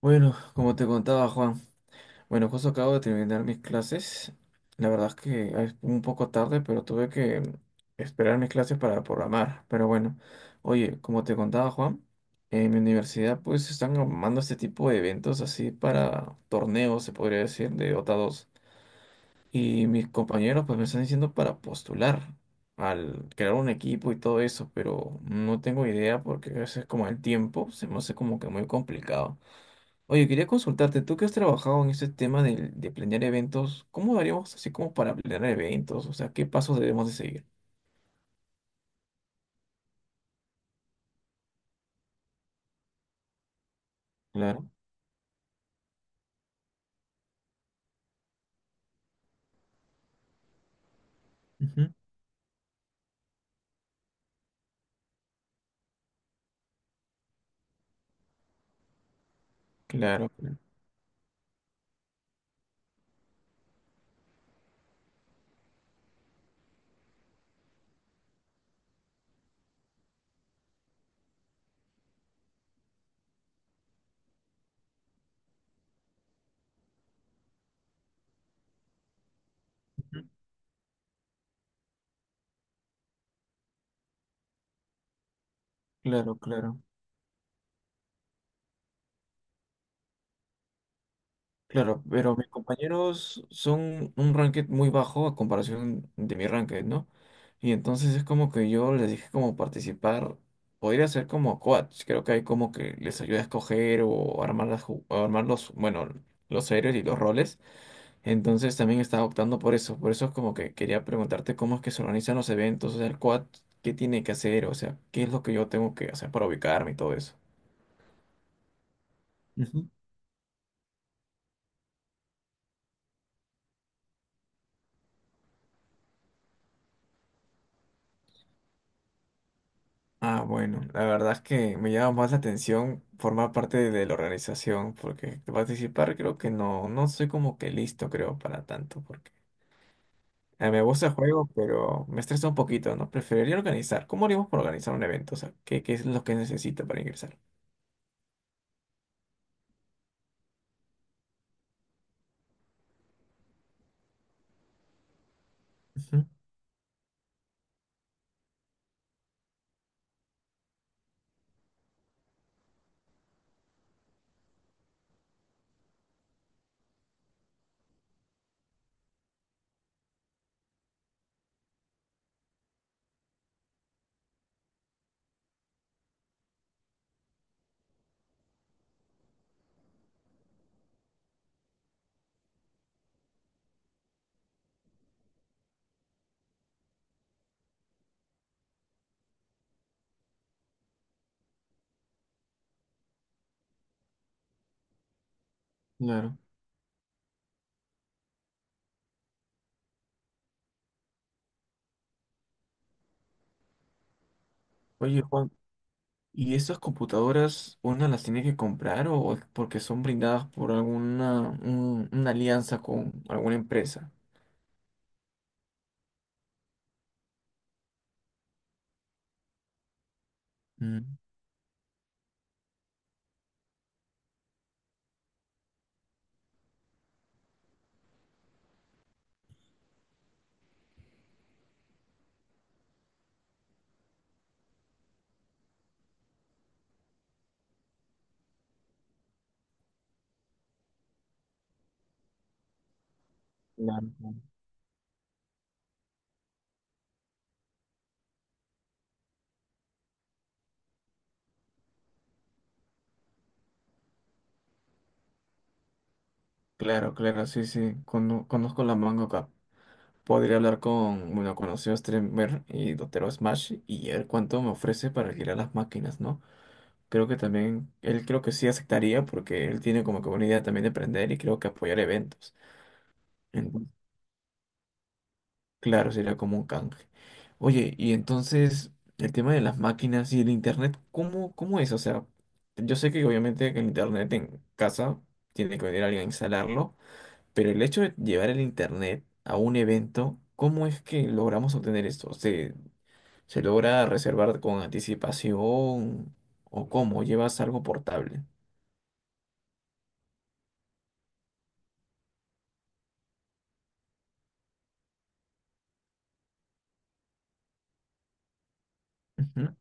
Bueno, como te contaba Juan, bueno, justo acabo de terminar mis clases. La verdad es que es un poco tarde, pero tuve que esperar mis clases para programar. Pero bueno, oye, como te contaba Juan, en mi universidad pues están armando este tipo de eventos así para torneos, se podría decir, de Dota 2. Y mis compañeros pues me están diciendo para postular, al crear un equipo y todo eso, pero no tengo idea porque a veces como el tiempo se me hace como que muy complicado. Oye, quería consultarte, tú que has trabajado en este tema de planear eventos, ¿cómo daríamos así como para planear eventos? O sea, ¿qué pasos debemos de seguir? Claro. Ujú. Claro, claro. Ujú. Claro, claro. Claro, pero mis compañeros son un ranked muy bajo a comparación de mi ranked, ¿no? Y entonces es como que yo les dije como participar, podría ser como coach, creo que hay como que les ayuda a escoger o armar las, armar los, bueno, los héroes y los roles. Entonces también estaba optando por eso. Por eso es como que quería preguntarte cómo es que se organizan los eventos, o sea, el quad, qué tiene que hacer, o sea, qué es lo que yo tengo que hacer para ubicarme y todo eso. Ujú. Ah, bueno, la verdad es que me llama más la atención formar parte de la organización, porque participar creo que no, no soy como que listo, creo, para tanto, porque me gusta el juego, pero me estresa un poquito, ¿no? Preferiría organizar. ¿Cómo haríamos para organizar un evento? O sea, ¿qué, qué es lo que necesito para ingresar? Ujú. Claro. Oye, Juan, ¿y estas computadoras una las tiene que comprar o porque son brindadas por alguna una alianza con alguna empresa? Mm. Claro, claro. Claro, claro, sí, sí. Conozco la manga acá. Podría hablar con, bueno, conocido streamer y Dotero Smash y ver cuánto me ofrece para alquilar las máquinas, ¿no? Creo que también, él creo que sí aceptaría porque él tiene como que una idea también de emprender y creo que apoyar eventos. Claro, sería como un canje. Oye, y entonces el tema de las máquinas y el internet, ¿cómo, cómo es? O sea, yo sé que obviamente que el internet en casa tiene que venir alguien a instalarlo, pero el hecho de llevar el internet a un evento, ¿cómo es que logramos obtener esto? ¿Se, se logra reservar con anticipación o cómo? ¿Llevas algo portable? Ujú.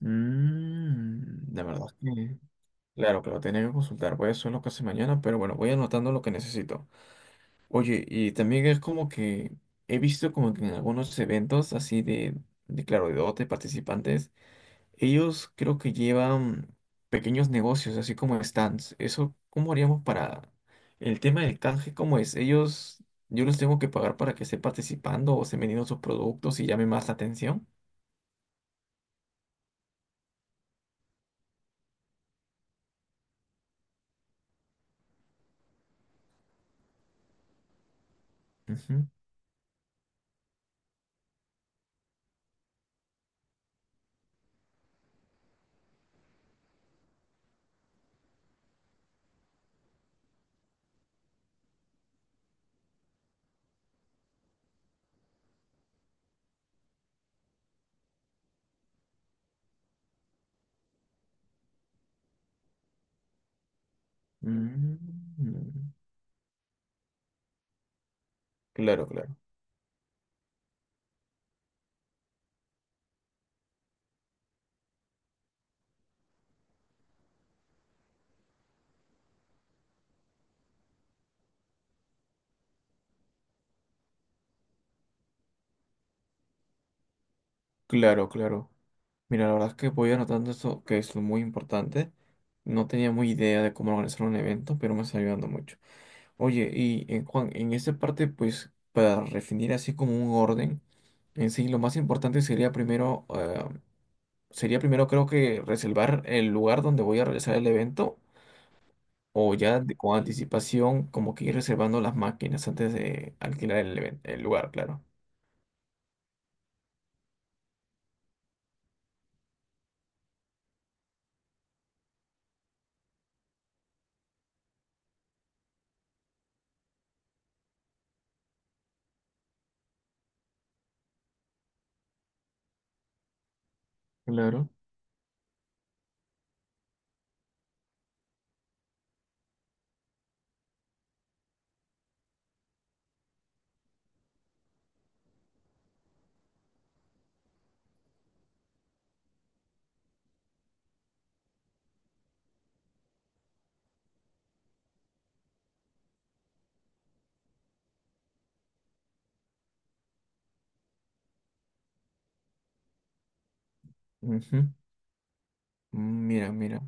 Mm, la verdad es que, claro, pero tenía que consultar, voy a hacer lo que hace mañana, pero bueno, voy anotando lo que necesito. Oye, y también es como que he visto como que en algunos eventos así de claro, de dote, participantes, ellos creo que llevan pequeños negocios, así como stands. Eso, ¿cómo haríamos para el tema del canje? ¿Cómo es? Ellos, yo los tengo que pagar para que estén participando o estén vendiendo sus productos y llame más la atención. Ujú. Mm. Claro, claro. Claro, claro. Mira, la verdad es que voy anotando eso, que es muy importante. No tenía muy idea de cómo organizar un evento, pero me está ayudando mucho. Oye, y en Juan, en esta parte, pues, para definir así como un orden, en sí, lo más importante sería primero creo que reservar el lugar donde voy a realizar el evento, o ya con anticipación, como que ir reservando las máquinas antes de alquilar el, el lugar, claro. Claro. Mm. Mira, mira.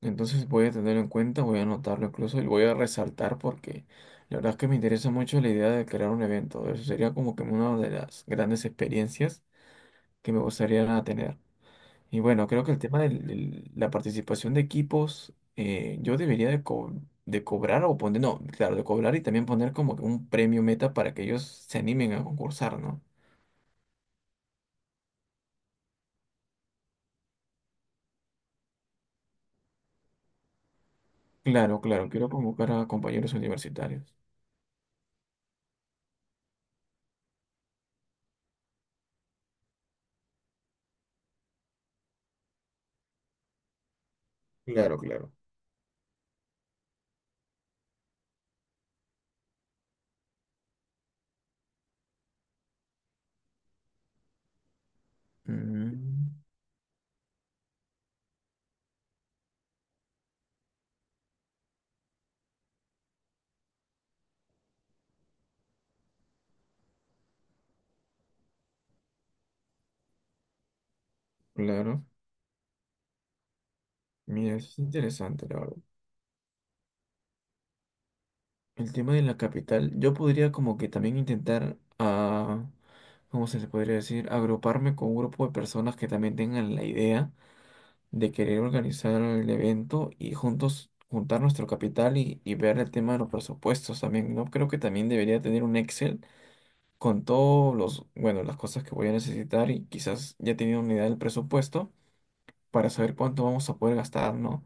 Entonces voy a tenerlo en cuenta, voy a anotarlo incluso y lo voy a resaltar porque la verdad es que me interesa mucho la idea de crear un evento. Eso sería como que una de las grandes experiencias que me gustaría tener. Y bueno, creo que el tema de la participación de equipos, yo debería de, de cobrar o poner, no, claro, de cobrar y también poner como que un premio meta para que ellos se animen a concursar, ¿no? Claro, claro, quiero convocar a compañeros universitarios. Claro, claro. Mm, claro. Mira, eso es interesante, la verdad. El tema de la capital, yo podría como que también intentar, ah, ¿cómo se le podría decir? Agruparme con un grupo de personas que también tengan la idea de querer organizar el evento y juntos juntar nuestro capital y ver el tema de los presupuestos también, ¿no? Creo que también debería tener un Excel con todos los, bueno, las cosas que voy a necesitar y quizás ya teniendo una idea del presupuesto para saber cuánto vamos a poder gastar, ¿no?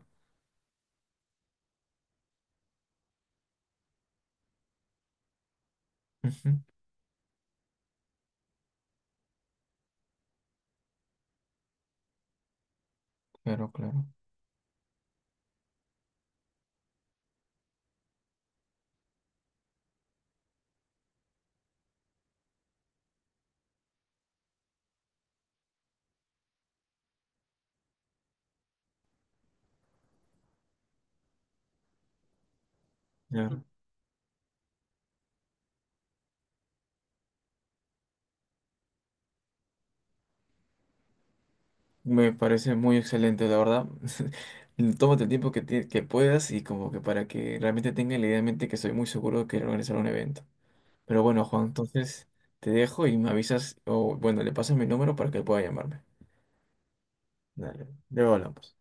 Ujú. Claro, claro. Ya. Me parece muy excelente, la verdad. Tómate el tiempo que, que puedas y como que para que realmente tengan la idea en mente que estoy muy seguro de que organizar un evento. Pero bueno, Juan, entonces te dejo y me avisas, o bueno, le pasas mi número para que pueda llamarme. Dale, luego hablamos.